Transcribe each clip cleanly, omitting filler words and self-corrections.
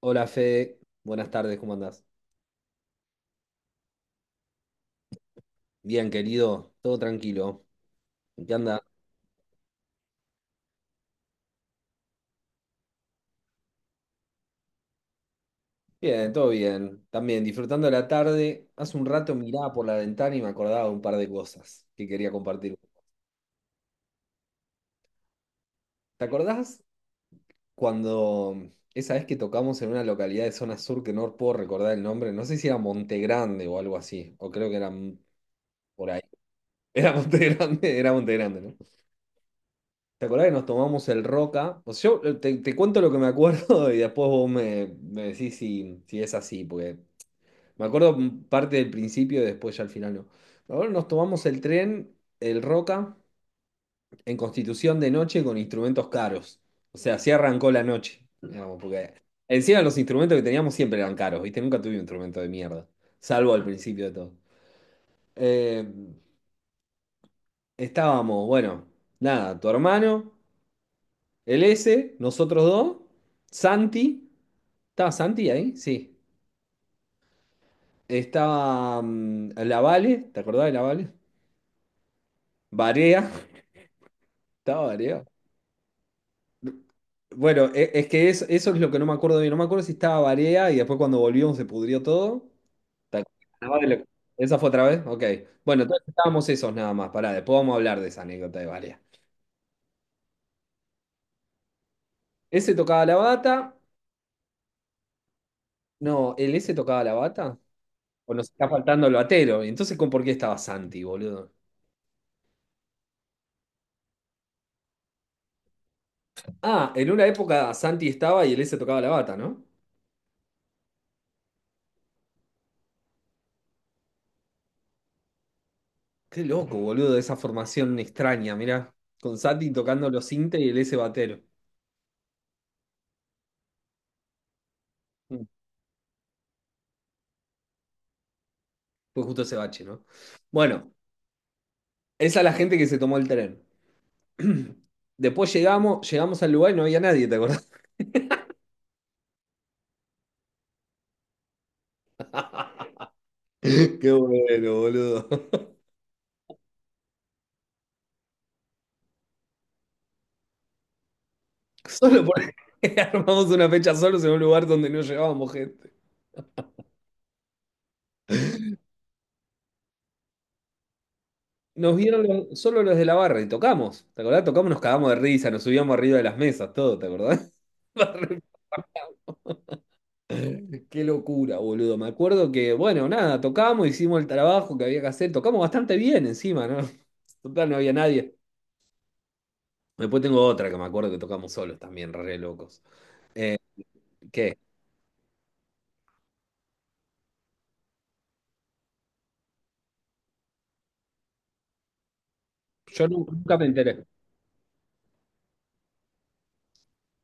Hola Fede, buenas tardes, ¿cómo andás? Bien, querido, todo tranquilo. ¿En ¿Qué andás? Bien, todo bien. También disfrutando la tarde. Hace un rato miraba por la ventana y me acordaba de un par de cosas que quería compartir. ¿Te acordás cuando esa vez que tocamos en una localidad de zona sur que no puedo recordar el nombre? No sé si era Monte Grande o algo así, o creo que era por ahí. Era Monte Grande, ¿no? ¿Te acordás que nos tomamos el Roca? O sea, yo te cuento lo que me acuerdo y después vos me decís si es así, porque me acuerdo parte del principio y después ya al final no. Ahora nos tomamos el tren, el Roca, en Constitución de noche con instrumentos caros. O sea, así arrancó la noche, digamos, porque encima los instrumentos que teníamos siempre eran caros, ¿viste? Nunca tuve un instrumento de mierda, salvo al principio de todo. Eh, Estábamos, bueno, nada, tu hermano. El S, nosotros dos, Santi, ¿estaba Santi ahí? Sí. Estaba la Vale, ¿te acordás de la Vale? Varea, estaba Varea. Bueno, eso es lo que no me acuerdo bien. No me acuerdo si estaba Varea y después cuando volvimos se pudrió todo. ¿Te acordás de la Vale? ¿Esa fue otra vez? Ok. Bueno, entonces estábamos esos nada más. Pará, después vamos a hablar de esa anécdota de Varea. Ese tocaba la bata. No, ¿el S tocaba la bata? ¿O nos está faltando el batero? Entonces, ¿con ¿por qué estaba Santi, boludo? Ah, en una época Santi estaba y él se tocaba la bata, ¿no? Qué loco, boludo, esa formación extraña, mirá. Con Santi tocando los cintes y el S batero. Mm, Fue justo ese bache, ¿no? Bueno, esa es la gente que se tomó el tren. Después llegamos al lugar y no había nadie, ¿te acordás? Qué bueno, boludo. Solo por armamos una fecha solos en un lugar donde no llegábamos gente. Solo los de la barra y tocamos. ¿Te acordás? Tocamos, nos cagamos de risa, nos subíamos arriba de las mesas, todo, ¿te acordás? Qué locura, boludo. Me acuerdo que, bueno, nada, tocamos, hicimos el trabajo que había que hacer. Tocamos bastante bien encima, ¿no? Total, no había nadie. Después tengo otra que me acuerdo que tocamos solos también, re locos. Eh, ¿Qué? Yo nunca me enteré.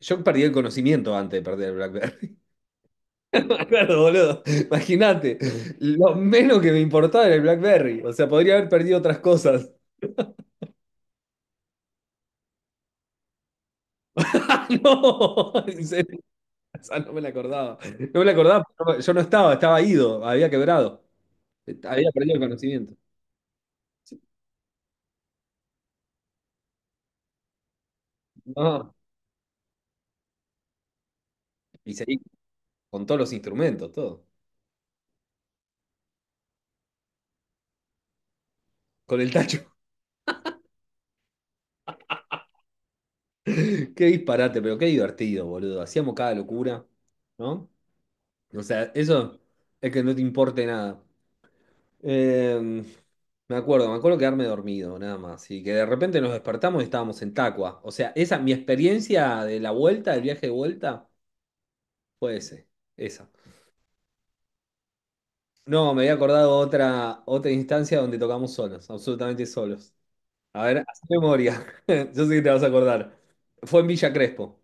Yo perdí el conocimiento antes de perder el BlackBerry. Me acuerdo, boludo. Imagínate, lo menos que me importaba era el BlackBerry. O sea, podría haber perdido otras cosas. No, en serio, esa no me la acordaba. No me la acordaba, porque yo no estaba, estaba ido, había quebrado. Había perdido el conocimiento. No. Y seguí con todos los instrumentos, todo. Con el tacho. Qué disparate, pero qué divertido, boludo. Hacíamos cada locura, ¿no? O sea, eso es que no te importe nada. Eh, me acuerdo quedarme dormido, nada más. Y que de repente nos despertamos y estábamos en Tacua. O sea, esa, mi experiencia de la vuelta, del viaje de vuelta, fue esa. No, me había acordado otra instancia donde tocamos solos, absolutamente solos. A ver, haz memoria. Yo sé que te vas a acordar. Fue en Villa Crespo.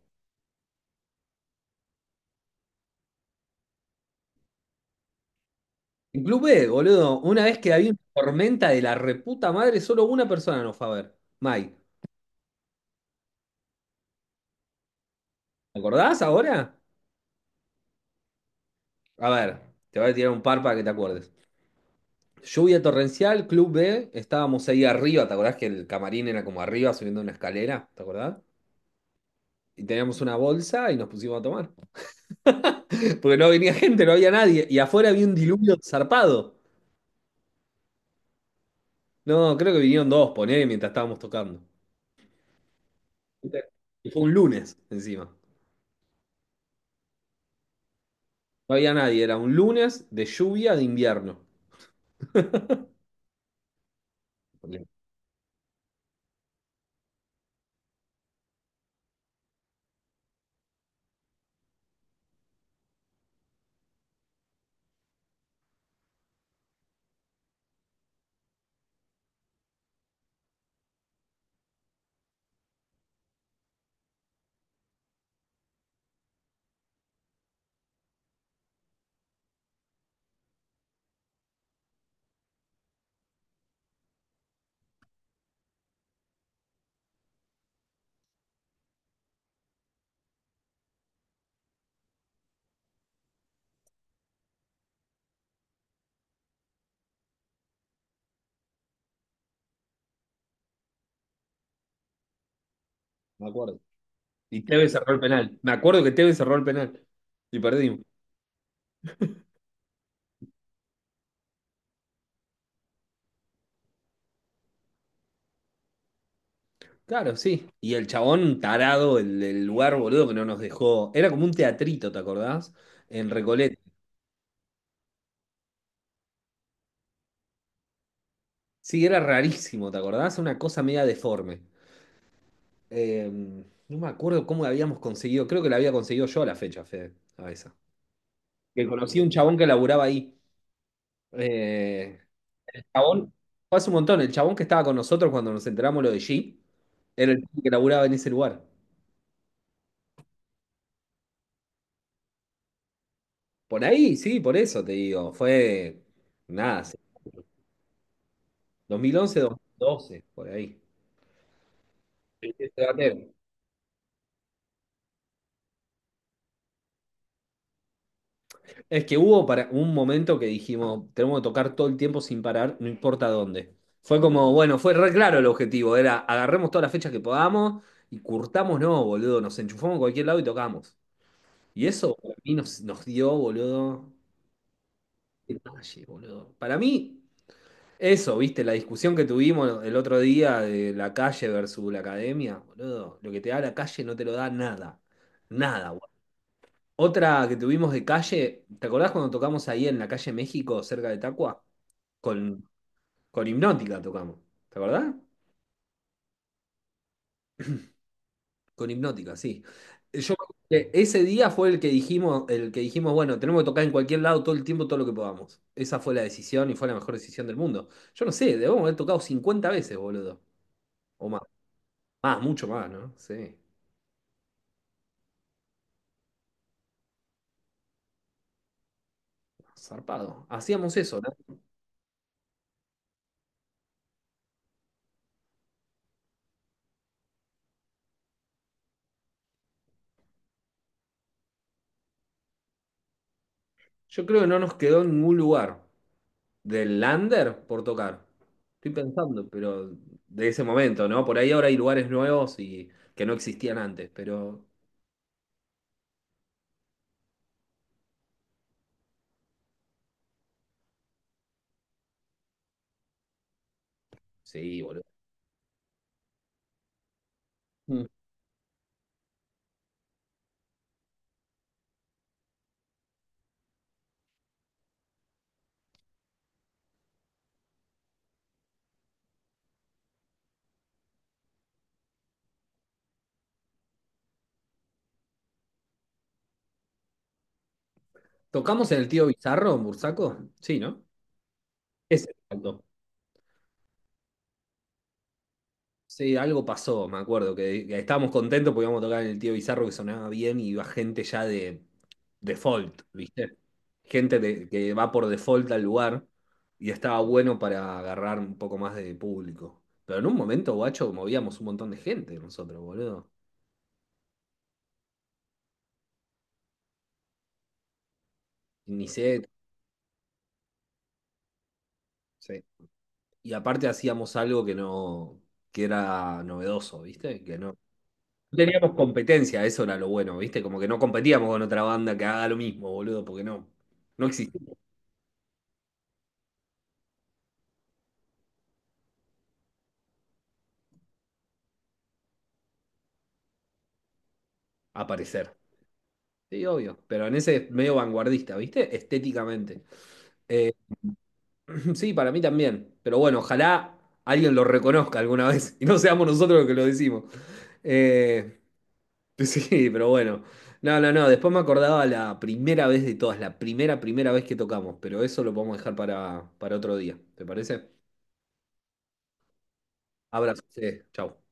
En Club B, boludo. Una vez que había una tormenta de la reputa madre, solo una persona nos fue a ver. Mike. ¿Te acordás ahora? A ver, te voy a tirar un par para que te acuerdes. Lluvia torrencial, Club B. Estábamos ahí arriba. ¿Te acordás que el camarín era como arriba, subiendo una escalera? ¿Te acordás? Y teníamos una bolsa y nos pusimos a tomar. Porque no venía gente, no había nadie. Y afuera había un diluvio zarpado. No, creo que vinieron dos, poné, mientras estábamos tocando. Y fue un lunes encima. No había nadie, era un lunes de lluvia de invierno. Porque me acuerdo. Y Tevez cerró el penal. Me acuerdo que Tevez cerró el penal. Y perdimos. Claro, sí. Y el chabón tarado, el lugar boludo que no nos dejó. Era como un teatrito, ¿te acordás? En Recoleta. Sí, era rarísimo, ¿te acordás? Una cosa media deforme. No me acuerdo cómo la habíamos conseguido. Creo que la había conseguido yo a la fecha, Fede. A esa. Que conocí a un chabón que laburaba ahí. Eh, chabón, fue hace un montón, el chabón que estaba con nosotros cuando nos enteramos lo de G, era el que laburaba en ese lugar. Por ahí, sí, por eso te digo, nada, sí, 2011, 2012, por ahí. Sí, sí, espérate. Es que hubo para un momento que dijimos, tenemos que tocar todo el tiempo sin parar, no importa dónde. Fue como, bueno, fue re claro el objetivo, era agarremos todas las fechas que podamos y curtamos, no, boludo, nos enchufamos a cualquier lado y tocamos. Y eso para mí nos dio, boludo, detalle, boludo. Para mí, eso, viste, la discusión que tuvimos el otro día de la calle versus la academia, boludo, lo que te da la calle no te lo da nada, nada. Boludo. Otra que tuvimos de calle, ¿te acordás cuando tocamos ahí en la calle México, cerca de Tacua? Con, con Hipnótica tocamos, ¿te acordás? Con Hipnótica, sí. Yo, ese día fue el que dijimos, bueno, tenemos que tocar en cualquier lado todo el tiempo, todo lo que podamos. Esa fue la decisión y fue la mejor decisión del mundo. Yo no sé, debemos haber tocado 50 veces, boludo, o más. Más, mucho más, ¿no? Sí, zarpado. Hacíamos eso, ¿no? Yo creo que no nos quedó en ningún lugar del lander por tocar. Estoy pensando, pero de ese momento, ¿no? Por ahí ahora hay lugares nuevos y que no existían antes, pero sí, boludo. Mm. ¿Tocamos en el Tío Bizarro, en Bursaco? Sí, ¿no? Ese, exacto. Sí, algo pasó, me acuerdo, que estábamos contentos porque íbamos a tocar en el Tío Bizarro que sonaba bien y iba gente ya de default, ¿viste? Que va por default al lugar y estaba bueno para agarrar un poco más de público. Pero en un momento, guacho, movíamos un montón de gente nosotros, boludo. Ni sé. Sí. Y aparte hacíamos algo que no, que era novedoso, ¿viste? Que no. No teníamos competencia, eso era lo bueno, ¿viste? Como que no competíamos con otra banda que haga lo mismo, boludo, porque no existía. Aparecer. Sí, obvio, pero en ese medio vanguardista, ¿viste? Estéticamente. Eh, sí, para mí también, pero bueno, ojalá alguien lo reconozca alguna vez y no seamos nosotros los que lo decimos. Eh, sí, pero bueno. No, después me acordaba la primera vez de todas, primera vez que tocamos, pero eso lo podemos dejar para otro día, ¿te parece? Abrazo, sí, chau.